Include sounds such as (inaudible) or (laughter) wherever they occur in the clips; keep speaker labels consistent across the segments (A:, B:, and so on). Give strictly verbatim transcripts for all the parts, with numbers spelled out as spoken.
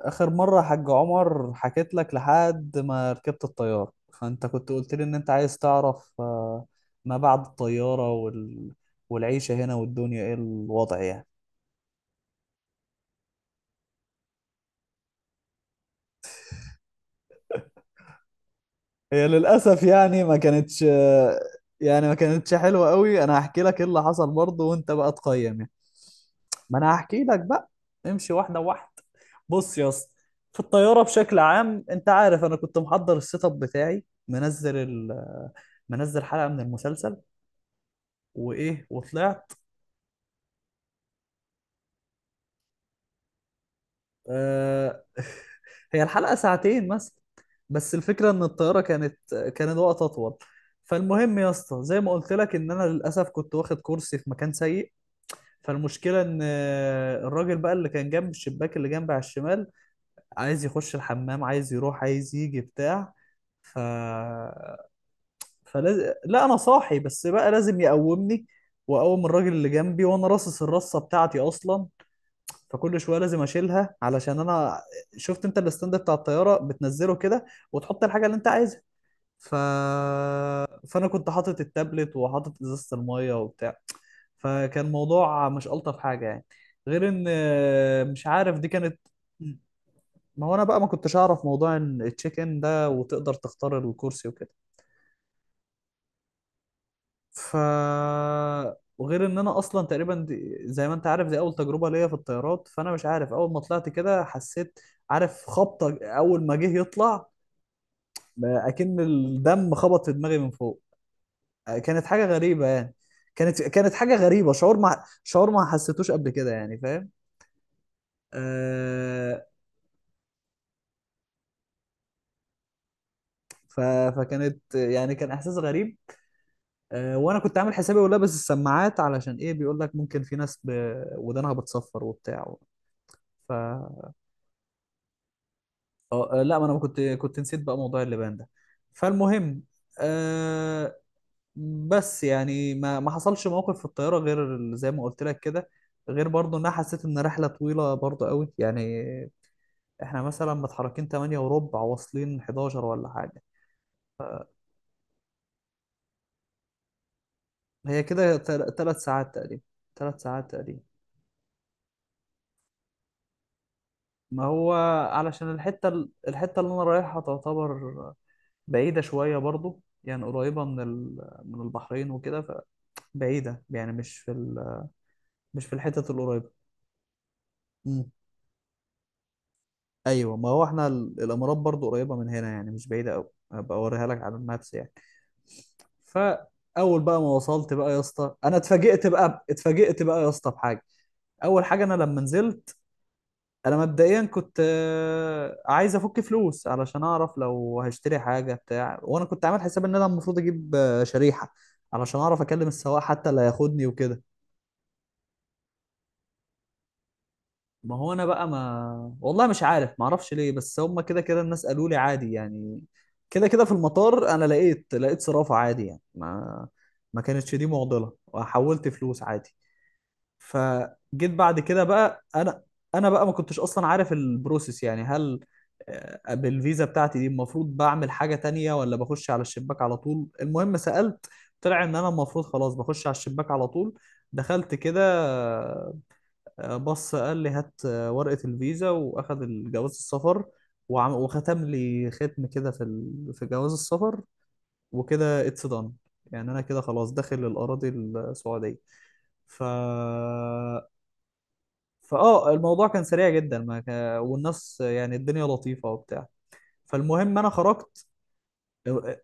A: آخر مرة حاج عمر، حكيت لك لحد ما ركبت الطيارة. فأنت كنت قلت لي إن أنت عايز تعرف، آه، ما بعد الطيارة وال... والعيشة هنا والدنيا إيه الوضع يعني. هي للأسف يعني ما كانتش، آه، يعني ما كانتش حلوة قوي. أنا هحكي لك إيه اللي حصل برضه، وأنت بقى تقيم يعني. ما أنا هحكي لك بقى، امشي واحدة واحدة. بص يا اسطى، في الطيارة بشكل عام أنت عارف أنا كنت محضر السيت أب بتاعي، منزل ال... منزل حلقة من المسلسل، وإيه وطلعت. آه، (laughs) هي الحلقة ساعتين مثلا، بس الفكرة ان الطيارة كانت، كان الوقت اطول. فالمهم يا اسطى، زي ما قلت لك ان انا للاسف كنت واخد كرسي في مكان سيء. فالمشكلة ان، آه، الراجل بقى اللي كان جنب الشباك اللي جنبي على الشمال عايز يخش الحمام، عايز يروح، عايز يجي بتاع. ف فلاز... لا انا صاحي بس بقى لازم يقومني، واقوم الراجل اللي جنبي وانا راصص الرصة بتاعتي اصلا. فكل شويه لازم اشيلها، علشان انا شفت انت الستاند بتاع الطياره بتنزله كده، وتحط الحاجه اللي انت عايزها. ف... فانا كنت حاطط التابلت وحاطط ازازه الميه وبتاع. فكان موضوع مش الطف حاجه يعني، غير ان، آه، مش عارف دي كانت. ما هو انا بقى ما كنتش اعرف موضوع ان التشيك ان ده، وتقدر تختار الكرسي وكده. ف وغير ان انا اصلا تقريبا، دي زي ما انت عارف، دي اول تجربه ليا في الطيارات. فانا مش عارف، اول ما طلعت كده حسيت، عارف خبطه اول ما جه يطلع، بقى اكن الدم خبط في دماغي من فوق. كانت حاجه غريبه يعني، كانت كانت حاجه غريبه، شعور ما شعور ما حسيتوش قبل كده يعني، فاهم. آه. ف... فكانت يعني كان احساس غريب. آه وانا كنت عامل حسابي ولابس السماعات، علشان ايه بيقول لك ممكن في ناس ب... ودانها بتصفر وبتاع. ف اه آه، لا، ما انا كنت كنت نسيت بقى موضوع اللبان ده. فالمهم، آه بس يعني ما ما حصلش موقف في الطياره، غير ال- زي ما قلت لك كده. غير برضو ان انا حسيت ان رحله طويله برضو قوي يعني، احنا مثلا متحركين تمانية وربع واصلين حداشر ولا حاجه. هي كده ثلاث ساعات تقريبا، ثلاث ساعات تقريبا. ما هو علشان الحته، ال- الحته اللي انا رايحها تعتبر بعيده شويه برضو يعني، قريبه من ال- من البحرين وكده. فبعيده يعني، مش في ال مش في الحتت القريبة. امم. ايوه، ما هو احنا ال- الامارات برضو قريبة من هنا يعني، مش بعيدة قوي، هبقى اوريها لك على المابس يعني. فاول بقى ما وصلت بقى يا اسطى، انا اتفاجئت بقى، اتفاجئت بقى يا اسطى بحاجه. اول حاجه، انا لما نزلت، انا مبدئيا كنت، آه، عايز افك فلوس علشان اعرف لو هشتري حاجه بتاع. وانا كنت عامل حساب ان انا المفروض اجيب، آه، شريحه علشان اعرف اكلم السواق حتى اللي هياخدني وكده. ما هو انا بقى، ما والله مش عارف، ما اعرفش ليه، بس هم كده كده الناس قالوا لي عادي يعني، كده كده في المطار انا لقيت لقيت صرافة عادي، يعني ما ما كانتش دي معضلة، وحولت فلوس عادي. فجيت بعد كده بقى، انا انا بقى ما كنتش اصلا عارف البروسيس، يعني هل، آه، بالفيزا بتاعتي دي المفروض بعمل حاجة تانية ولا بخش على الشباك على طول. المهم سألت، طلع ان انا المفروض خلاص بخش على الشباك على طول. دخلت كده، بص قال لي هات، آه، ورقة الفيزا، وأخد الجواز السفر، وعم وختم لي ختم كده في ال... في جواز السفر. وكده اتس دان، يعني أنا كده خلاص داخل الأراضي السعودية. ف فآه الموضوع كان سريع جدا، ما ك... والناس يعني الدنيا لطيفة وبتاع. فالمهم أنا خرجت. آه،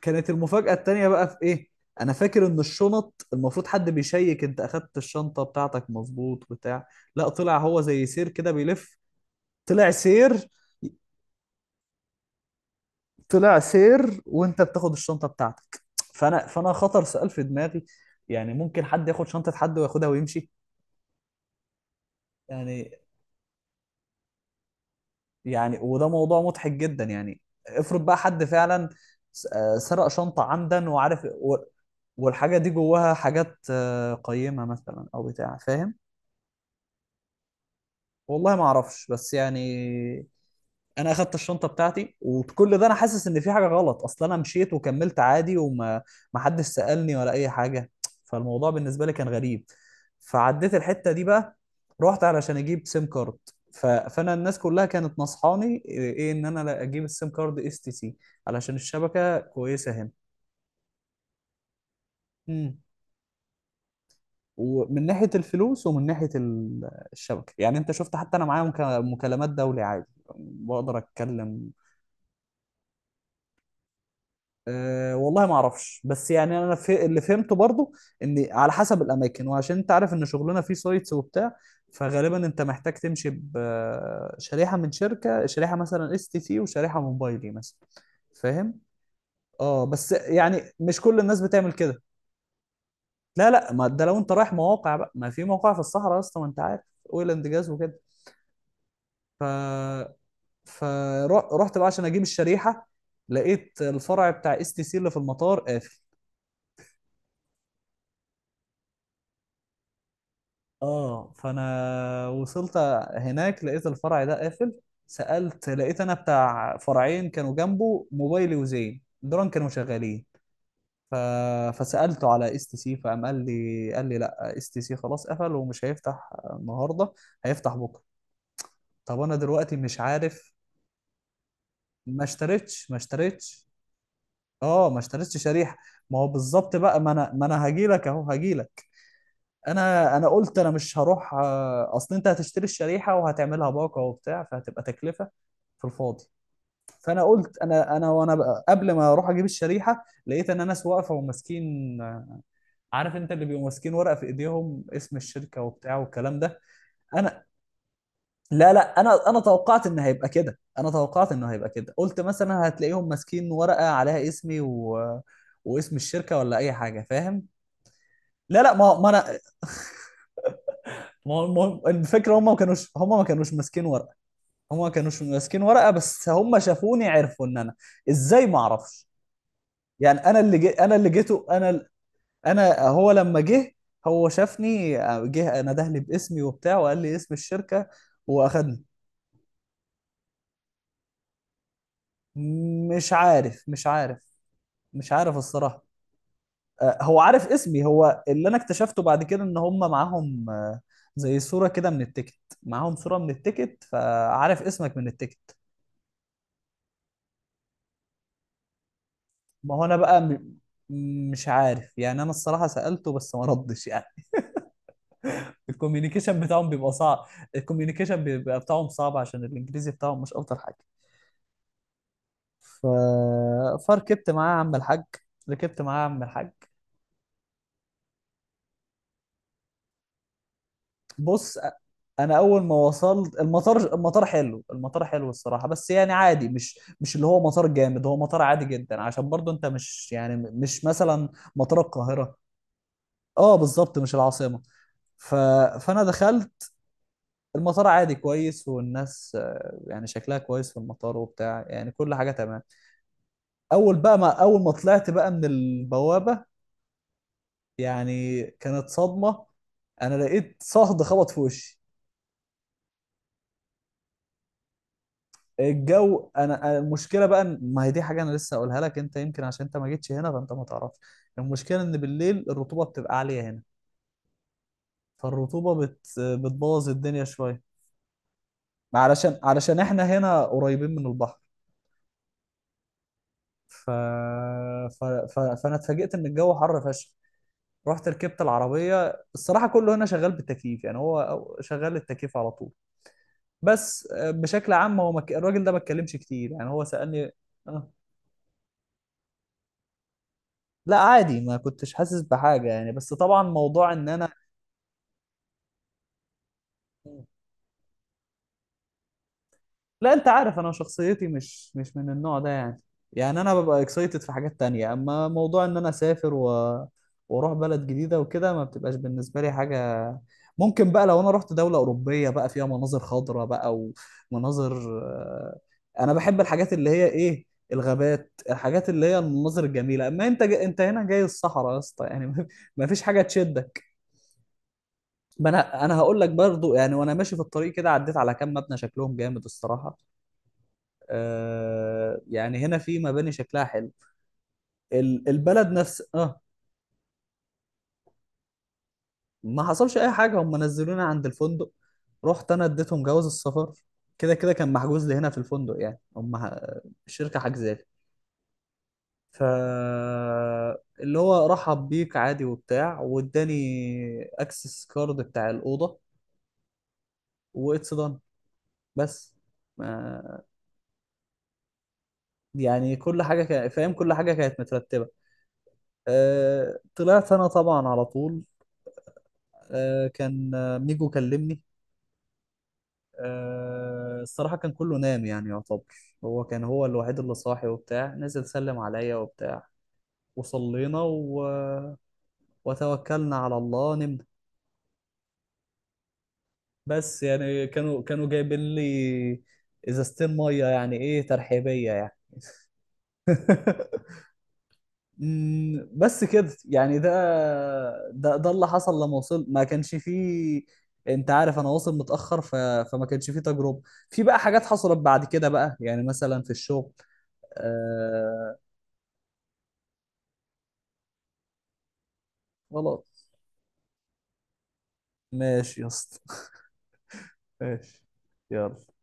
A: كانت المفاجأة التانية بقى في إيه؟ أنا فاكر إن الشنط المفروض حد بيشيك، أنت أخدت الشنطة بتاعتك مظبوط بتاع. لا، طلع هو زي سير كده بيلف. طلع سير طلع سير وانت بتاخد الشنطه بتاعتك. فانا فانا خطر سؤال في دماغي، يعني ممكن حد ياخد شنطه حد وياخدها ويمشي. يعني يعني وده موضوع مضحك جدا يعني. افرض بقى حد فعلا س- آه، سرق شنطه عمدا وعارف، و- والحاجه دي جواها حاجات، آه، قيمه مثلا او بتاع، فاهم. والله ما اعرفش بس يعني، انا اخدت الشنطه بتاعتي وكل ده انا حاسس ان في حاجه غلط. اصل انا مشيت وكملت عادي، وما ما حدش سالني ولا اي حاجه. فالموضوع بالنسبه لي كان غريب. فعديت الحته دي بقى، رحت علشان اجيب سيم كارد. ف... فانا الناس كلها كانت نصحاني ايه، ان انا لا اجيب السيم كارد اس تي سي علشان الشبكه كويسه هنا. مم. ومن ناحيه الفلوس ومن ناحيه ال- الشبكه يعني، انت شفت. حتى انا معايا مكا- مكالمات دولي عادي، بقدر اتكلم. أه، والله ما اعرفش، بس يعني انا في اللي فهمته برضو، ان على حسب الاماكن. وعشان انت عارف ان شغلنا فيه سايتس وبتاع، فغالبا انت محتاج تمشي بشريحه من شركه، شريحه مثلا اس تي سي وشريحه موبايلي مثلا، فاهم. اه بس يعني مش كل الناس بتعمل كده. لا، لا، ما ده لو انت رايح مواقع بقى، ما في مواقع في الصحراء يا اسطى، ما انت عارف، اويل اند جاز وكده. ف فرحت بقى عشان اجيب الشريحه، لقيت الفرع بتاع اس تي سي اللي في المطار قافل. اه، فانا وصلت هناك لقيت الفرع ده قافل. سألت، لقيت انا بتاع فرعين كانوا جنبه، موبايلي وزين، دول كانوا شغالين. ف... فسألته على اس تي سي، فقام قال لي قال لي لا، اس تي سي خلاص قفل ومش هيفتح النهارده، هيفتح بكره. طب انا دلوقتي مش عارف. ما اشتريتش، ما اشتريتش. اه ما اشتريتش شريحه. ما هو بالظبط بقى، ما انا ما انا هاجي لك اهو، هاجي لك. انا انا قلت انا مش هروح، آه، اصل انت هتشتري الشريحه وهتعملها باقه وبتاع فهتبقى تكلفه في الفاضي. فانا قلت انا، انا وانا بقى قبل ما اروح اجيب الشريحه، لقيت ان ناس واقفه وماسكين، آه، عارف انت اللي بيبقوا ماسكين ورقه في ايديهم، اسم الشركه وبتاع والكلام ده. انا لا، لا، انا انا توقعت ان هيبقى كده، انا توقعت انه هيبقى كده، قلت مثلا هتلاقيهم ماسكين ورقه عليها اسمي و... واسم الشركه ولا اي حاجه، فاهم. لا، لا، ما ما انا ما هو المهم الفكره، هم ما كانوش هم ما كانوش ماسكين ورقه، هما كانوش ماسكين ورقه. بس هم شافوني عرفوا ان انا. ازاي؟ ما اعرفش يعني. انا اللي جي انا اللي جيته، انا ال- انا هو لما جه، هو شافني، جه نده لي باسمي وبتاع وقال لي اسم الشركه واخدني. مش عارف، مش عارف، مش عارف الصراحه. آه، هو عارف اسمي. هو اللي انا اكتشفته بعد كده، ان هم معاهم، آه، زي صوره كده من التيكت. معاهم صوره من التيكت فعارف اسمك من التيكت. ما هو انا بقى م- مش عارف يعني. انا الصراحه سالته بس ما ردش يعني. الكوميونيكيشن بتاعهم بيبقى صعب الكوميونيكيشن بيبقى بتاعهم صعب، عشان الانجليزي بتاعهم مش افضل حاجه. ف... فركبت معاه يا عم الحاج، ركبت معاه يا عم الحاج. بص أ- انا اول ما وصلت المطار، المطار حلو، المطار حلو الصراحه، بس يعني عادي، مش مش اللي هو مطار جامد، هو مطار عادي جدا، عشان برضو انت مش يعني مش مثلا مطار القاهره. اه بالظبط، مش العاصمه. ف... فانا دخلت المطار عادي كويس. والناس آه، يعني شكلها كويس في المطار وبتاع، يعني كل حاجه تمام. اول بقى ما اول ما طلعت بقى من البوابه، يعني كانت صدمه، انا لقيت صهد خبط في وشي. الجو انا أنا- المشكله بقى، إن- ما هي دي حاجه انا لسه اقولها لك، انت يمكن عشان انت ما جيتش هنا فانت ما تعرفش. المشكله ان بالليل الرطوبه بتبقى عاليه هنا، فالرطوبه بت بتبوظ الدنيا شويه، علشان علشان احنا هنا قريبين من البحر. ف... ف... ف... فانا اتفاجئت ان الجو حر فشخ. رحت ركبت العربيه، الصراحه كله هنا شغال بالتكييف يعني، هو شغال التكييف على طول. بس آه، بشكل عام هو مك... الراجل ده ما اتكلمش كتير يعني، هو سألني. آه. لا عادي، ما كنتش حاسس بحاجة يعني، بس طبعا موضوع ان انا، لا انت عارف انا شخصيتي مش مش من النوع ده يعني. يعني انا ببقى اكسايتد في حاجات تانية، اما موضوع ان انا اسافر و... واروح بلد جديدة وكده، ما بتبقاش بالنسبة لي حاجة. ممكن بقى لو انا رحت دولة اوروبية بقى فيها مناظر خضراء بقى، ومناظر آه، انا بحب الحاجات اللي هي ايه، الغابات، الحاجات اللي هي المناظر الجميلة. اما انت جا... انت هنا جاي الصحراء يا اسطى يعني، (laughs) ما فيش حاجة تشدك. ما انا انا هقول لك برضو يعني، وانا ماشي في الطريق كده عديت على كام مبنى شكلهم جامد الصراحة. آه يعني هنا في مباني شكلها حلو، ال- البلد نفس اه ما حصلش اي حاجه، هم نزلوني عند الفندق. رحت انا اديتهم جواز السفر، كده كده كان محجوز لي هنا في الفندق يعني، هم ح- الشركه حجزالي. ف اللي هو رحب بيك عادي وبتاع، واداني اكسس كارد بتاع الاوضه واتس دان بس. ما- يعني كل حاجه كان فاهم، كل حاجه كانت مترتبه. أه... طلعت انا طبعا على طول، آه، كان آه، ميجو كلمني. آه، الصراحة كان كله نام يعني يعتبر. هو كان هو الوحيد اللي صاحي وبتاع، نزل سلم عليا وبتاع، وصلينا و... وتوكلنا على الله، نمنا. بس يعني كانوا كانوا جايبين لي ازازتين مية، يعني ايه، ترحيبية يعني. (laughs) مم، بس كده يعني، ده ده ده اللي حصل لما وصل، ما كانش فيه. انت عارف انا واصل متأخر، ف... فما كانش فيه تجربة. في بقى حاجات حصلت بعد كده بقى يعني، مثلا في الشغل. آه. خلاص، ماشي يا اسطى. (laughs) ماشي، يلا.